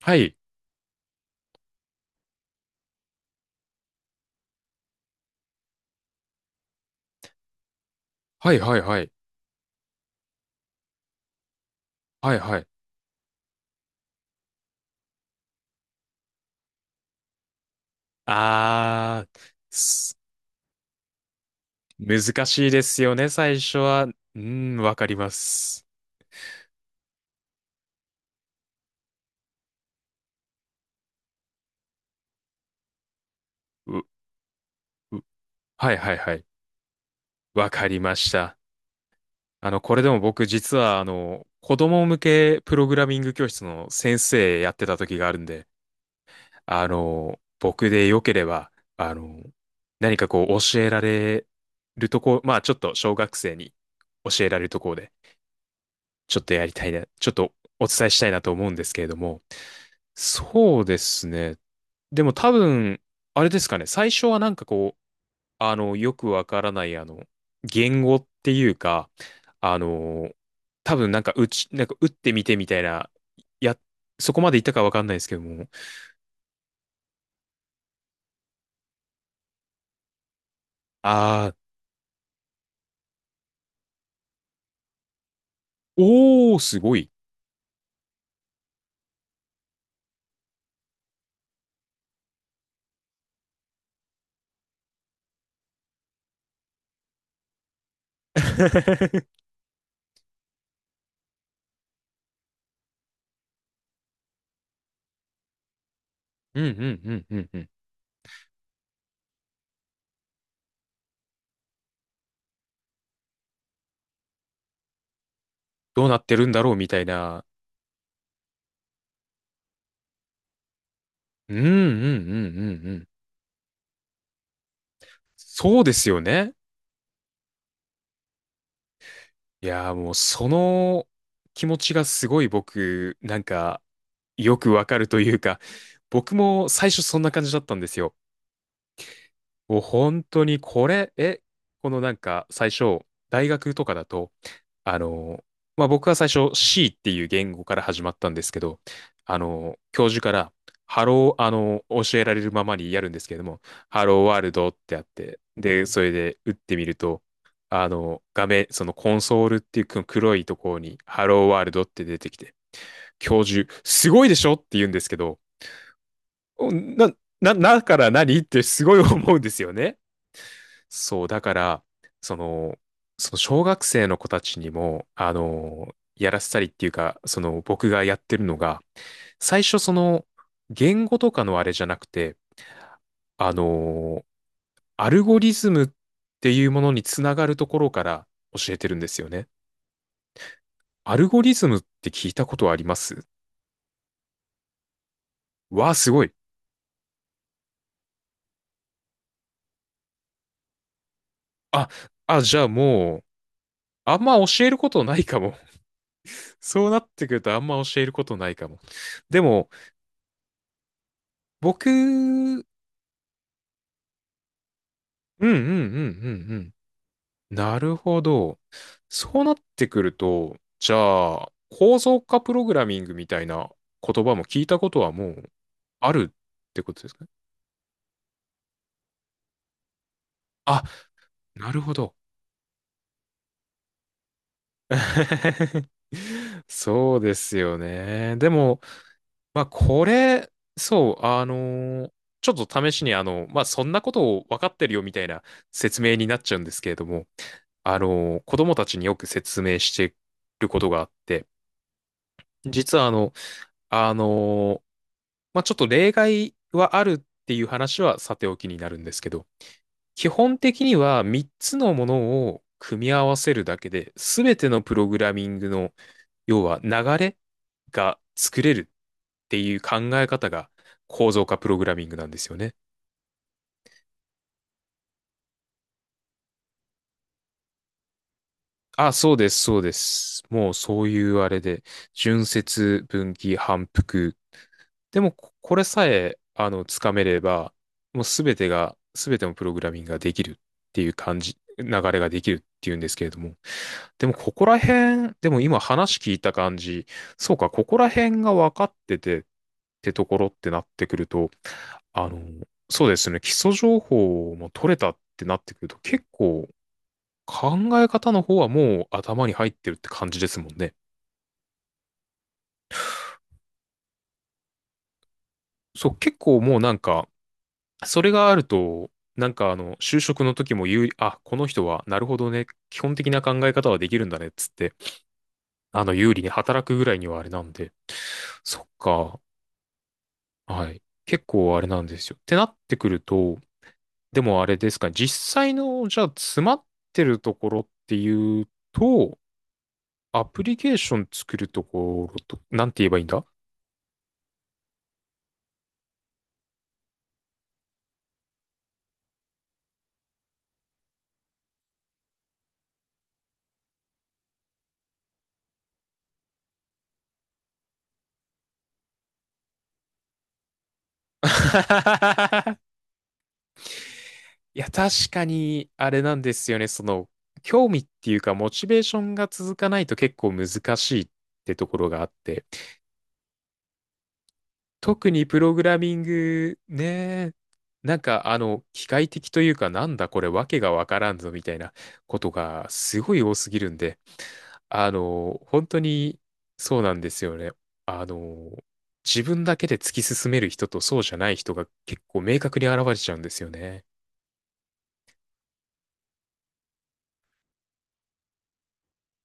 はい。はいはいはい。はいはい。あー、す難しいですよね、最初は。うん、わかります。う、う、はいはいはい。わかりました。これでも僕実は、子供向けプログラミング教室の先生やってた時があるんで、あの、僕でよければ、あの、何かこう教えられるとこ、まあちょっと小学生に教えられるところで、ちょっとやりたいな、ちょっとお伝えしたいなと思うんですけれども、そうですね。でも多分、あれですかね、最初はなんかこう、よくわからない、言語っていうか、あの、多分なんか打ち、なんか打ってみてみたいな、や、そこまでいったかわかんないですけども、あー、おー、すごい。うんうんうんうんうん。どうなってるんだろうみたいな。うんうんうんうんうん。そうですよね。いやー、もうその気持ちがすごい僕なんかよくわかるというか、僕も最初そんな感じだったんですよ。もう本当にこれえこのなんか最初、大学とかだと、あの、まあ、僕は最初 C っていう言語から始まったんですけど、あの、教授から、ハロー、あの、教えられるままにやるんですけれども、ハローワールドってあって、で、それで打ってみると、あの、画面、そのコンソールっていうこの黒いところに、ハローワールドって出てきて、教授、すごいでしょって言うんですけど、おな、な、だから何ってすごい思うんですよね。そう、だから、その、その小学生の子たちにも、あの、やらせたりっていうか、その僕がやってるのが、最初その、言語とかのあれじゃなくて、あの、アルゴリズムっていうものにつながるところから教えてるんですよね。アルゴリズムって聞いたことあります？わあ、すごい。あ、じゃあもう、あんま教えることないかも。そうなってくるとあんま教えることないかも。でも、僕うんうんうんうんうん。なるほど。そうなってくると、じゃあ、構造化プログラミングみたいな言葉も聞いたことはもうあるってことですかね？あ、なるほど。そうですよね。でも、まあ、これ、そう、あのー、ちょっと試しに、あの、まあ、そんなことを分かってるよみたいな説明になっちゃうんですけれども、あのー、子供たちによく説明してることがあって、実はあの、あのー、まあ、ちょっと例外はあるっていう話はさておきになるんですけど、基本的には3つのものを組み合わせるだけで、すべてのプログラミングの、要は流れが作れるっていう考え方が構造化プログラミングなんですよね。あ、そうです、そうです。もうそういうあれで、順接、分岐、反復、でも、これさえ、あの、つかめれば、もうすべてが、すべてのプログラミングができるっていう感じ、流れができるっていうんですけれども、でも、ここら辺、でも今話聞いた感じ、そうか、ここら辺が分かっててってところってなってくると、あの、そうですね、基礎情報も取れたってなってくると、結構、考え方の方はもう頭に入ってるって感じですもんね。そう、結構もうなんか、それがあると、なんかあの、就職の時も有利、あ、この人は、なるほどね、基本的な考え方はできるんだね、っつって、あの、有利に働くぐらいにはあれなんで、そっか、はい。結構あれなんですよ。ってなってくると、でもあれですか、実際の、じゃあ、詰まってるところっていうと、アプリケーション作るところと、なんて言えばいいんだ。 いや、確かに、あれなんですよね。その、興味っていうか、モチベーションが続かないと結構難しいってところがあって、特にプログラミング、ね、なんか、あの、機械的というか、なんだこれ、わけがわからんぞ、みたいなことがすごい多すぎるんで、あの、本当に、そうなんですよね。あの、自分だけで突き進める人とそうじゃない人が結構明確に現れちゃうんですよね。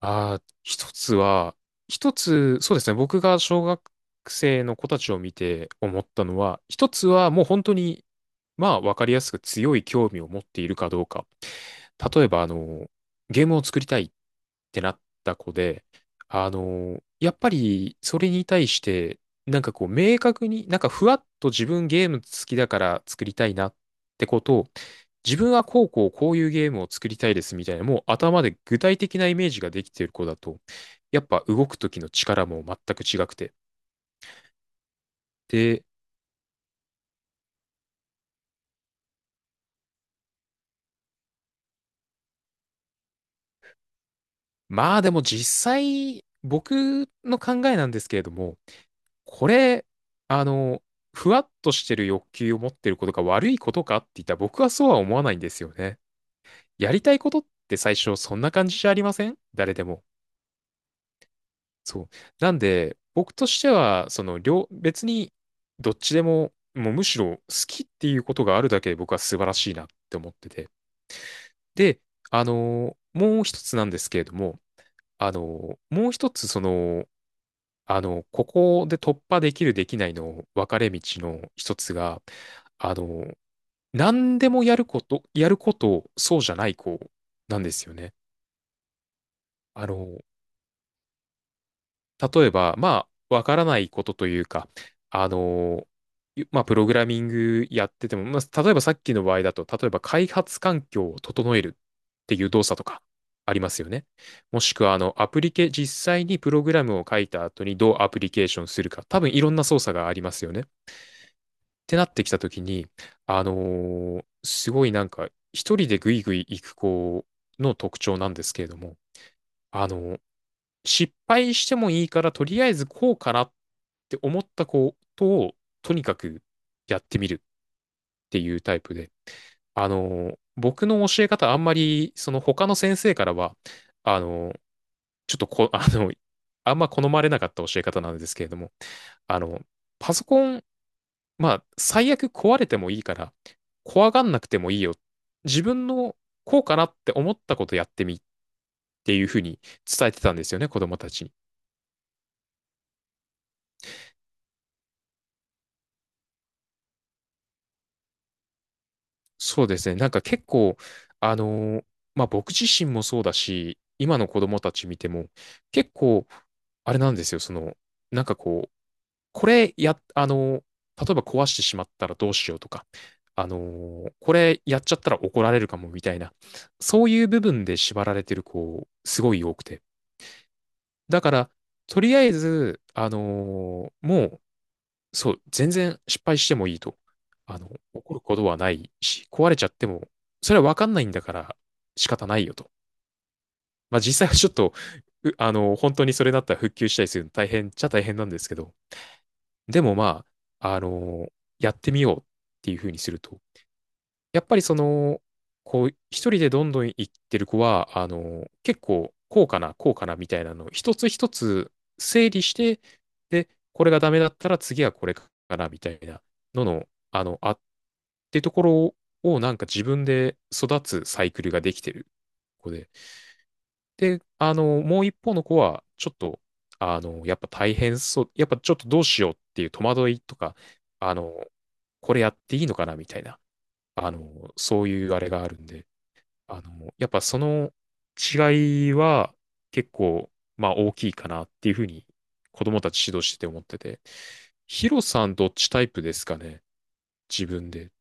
ああ、一つ、そうですね、僕が小学生の子たちを見て思ったのは、一つはもう本当に、まあ、わかりやすく強い興味を持っているかどうか。例えば、あの、ゲームを作りたいってなった子で、あの、やっぱり、それに対して、なんかこう、明確に、なんかふわっと自分ゲーム好きだから作りたいなってことを、自分はこうこうこういうゲームを作りたいですみたいな、もう頭で具体的なイメージができている子だと、やっぱ動く時の力も全く違くて。で、まあでも実際、僕の考えなんですけれども、これ、あの、ふわっとしてる欲求を持ってることが悪いことかって言ったら僕はそうは思わないんですよね。やりたいことって最初そんな感じじゃありません誰でも。そう。なんで、僕としては、その両、別にどっちでも、もうむしろ好きっていうことがあるだけで僕は素晴らしいなって思ってて。で、あの、もう一つなんですけれども、あの、もう一つその、あの、ここで突破できるできないの分かれ道の一つが、あの、何でもやること、やることそうじゃない子なんですよね。あの、例えば、まあ、わからないことというか、あの、まあ、プログラミングやってても、まあ、例えばさっきの場合だと、例えば開発環境を整えるっていう動作とかありますよね。もしくは、あの、アプリケ、実際にプログラムを書いた後にどうアプリケーションするか、多分いろんな操作がありますよね。てなってきたときに、あのー、すごいなんか、一人でぐいぐい行く子の特徴なんですけれども、あのー、失敗してもいいから、とりあえずこうかなって思ったことを、とにかくやってみるっていうタイプで、あのー、僕の教え方、あんまり、その他の先生からは、あのー、ちょっとこ、あの、あんま好まれなかった教え方なんですけれども、あの、パソコン、まあ、最悪壊れてもいいから、怖がんなくてもいいよ。自分のこうかなって思ったことやってみっていうふうに伝えてたんですよね、子供たちに。そうですね。なんか結構、あのー、まあ僕自身もそうだし、今の子供たち見ても、結構、あれなんですよ、その、なんかこう、これや、あのー、例えば壊してしまったらどうしようとか、あのー、これやっちゃったら怒られるかもみたいな、そういう部分で縛られてる子、すごい多くて。だから、とりあえず、あのーもう、そう、全然失敗してもいいと。あの、怒ることはないし、壊れちゃっても、それはわかんないんだから仕方ないよと。まあ実際はちょっと、あの、本当にそれだったら復旧したりするの大変っちゃ大変なんですけど、でもまあ、あのー、やってみようっていうふうにすると、やっぱりその、こう、一人でどんどん行ってる子は、あの、結構、こうかな、こうかなみたいなのを一つ一つ整理して、で、これがダメだったら次はこれかなみたいなのの、てところをなんか自分で育つサイクルができてる子で。で、あの、もう一方の子は、ちょっと、あの、やっぱ大変そう、やっぱちょっとどうしようっていう戸惑いとか、あの、これやっていいのかなみたいな、あの、そういうあれがあるんで、あの、やっぱその違いは結構、まあ大きいかなっていうふうに子供たち指導してて思ってて。ヒロさんどっちタイプですかね？自分で。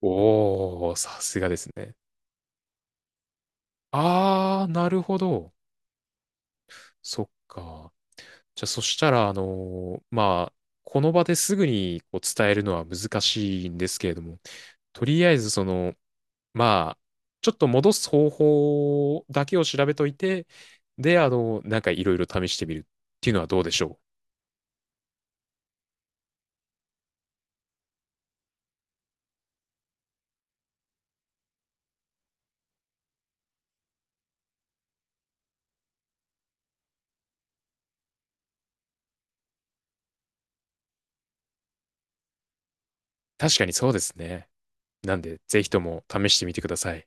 おー、さすがですね。あー、なるほど。そっか。じゃあそしたら、あのー、まあ、この場ですぐにこう伝えるのは難しいんですけれども、とりあえずその、まあ、ちょっと戻す方法だけを調べといて、で、あの、なんかいろいろ試してみるっていうのはどうでしょう。確かにそうですね。なんで、ぜひとも試してみてください。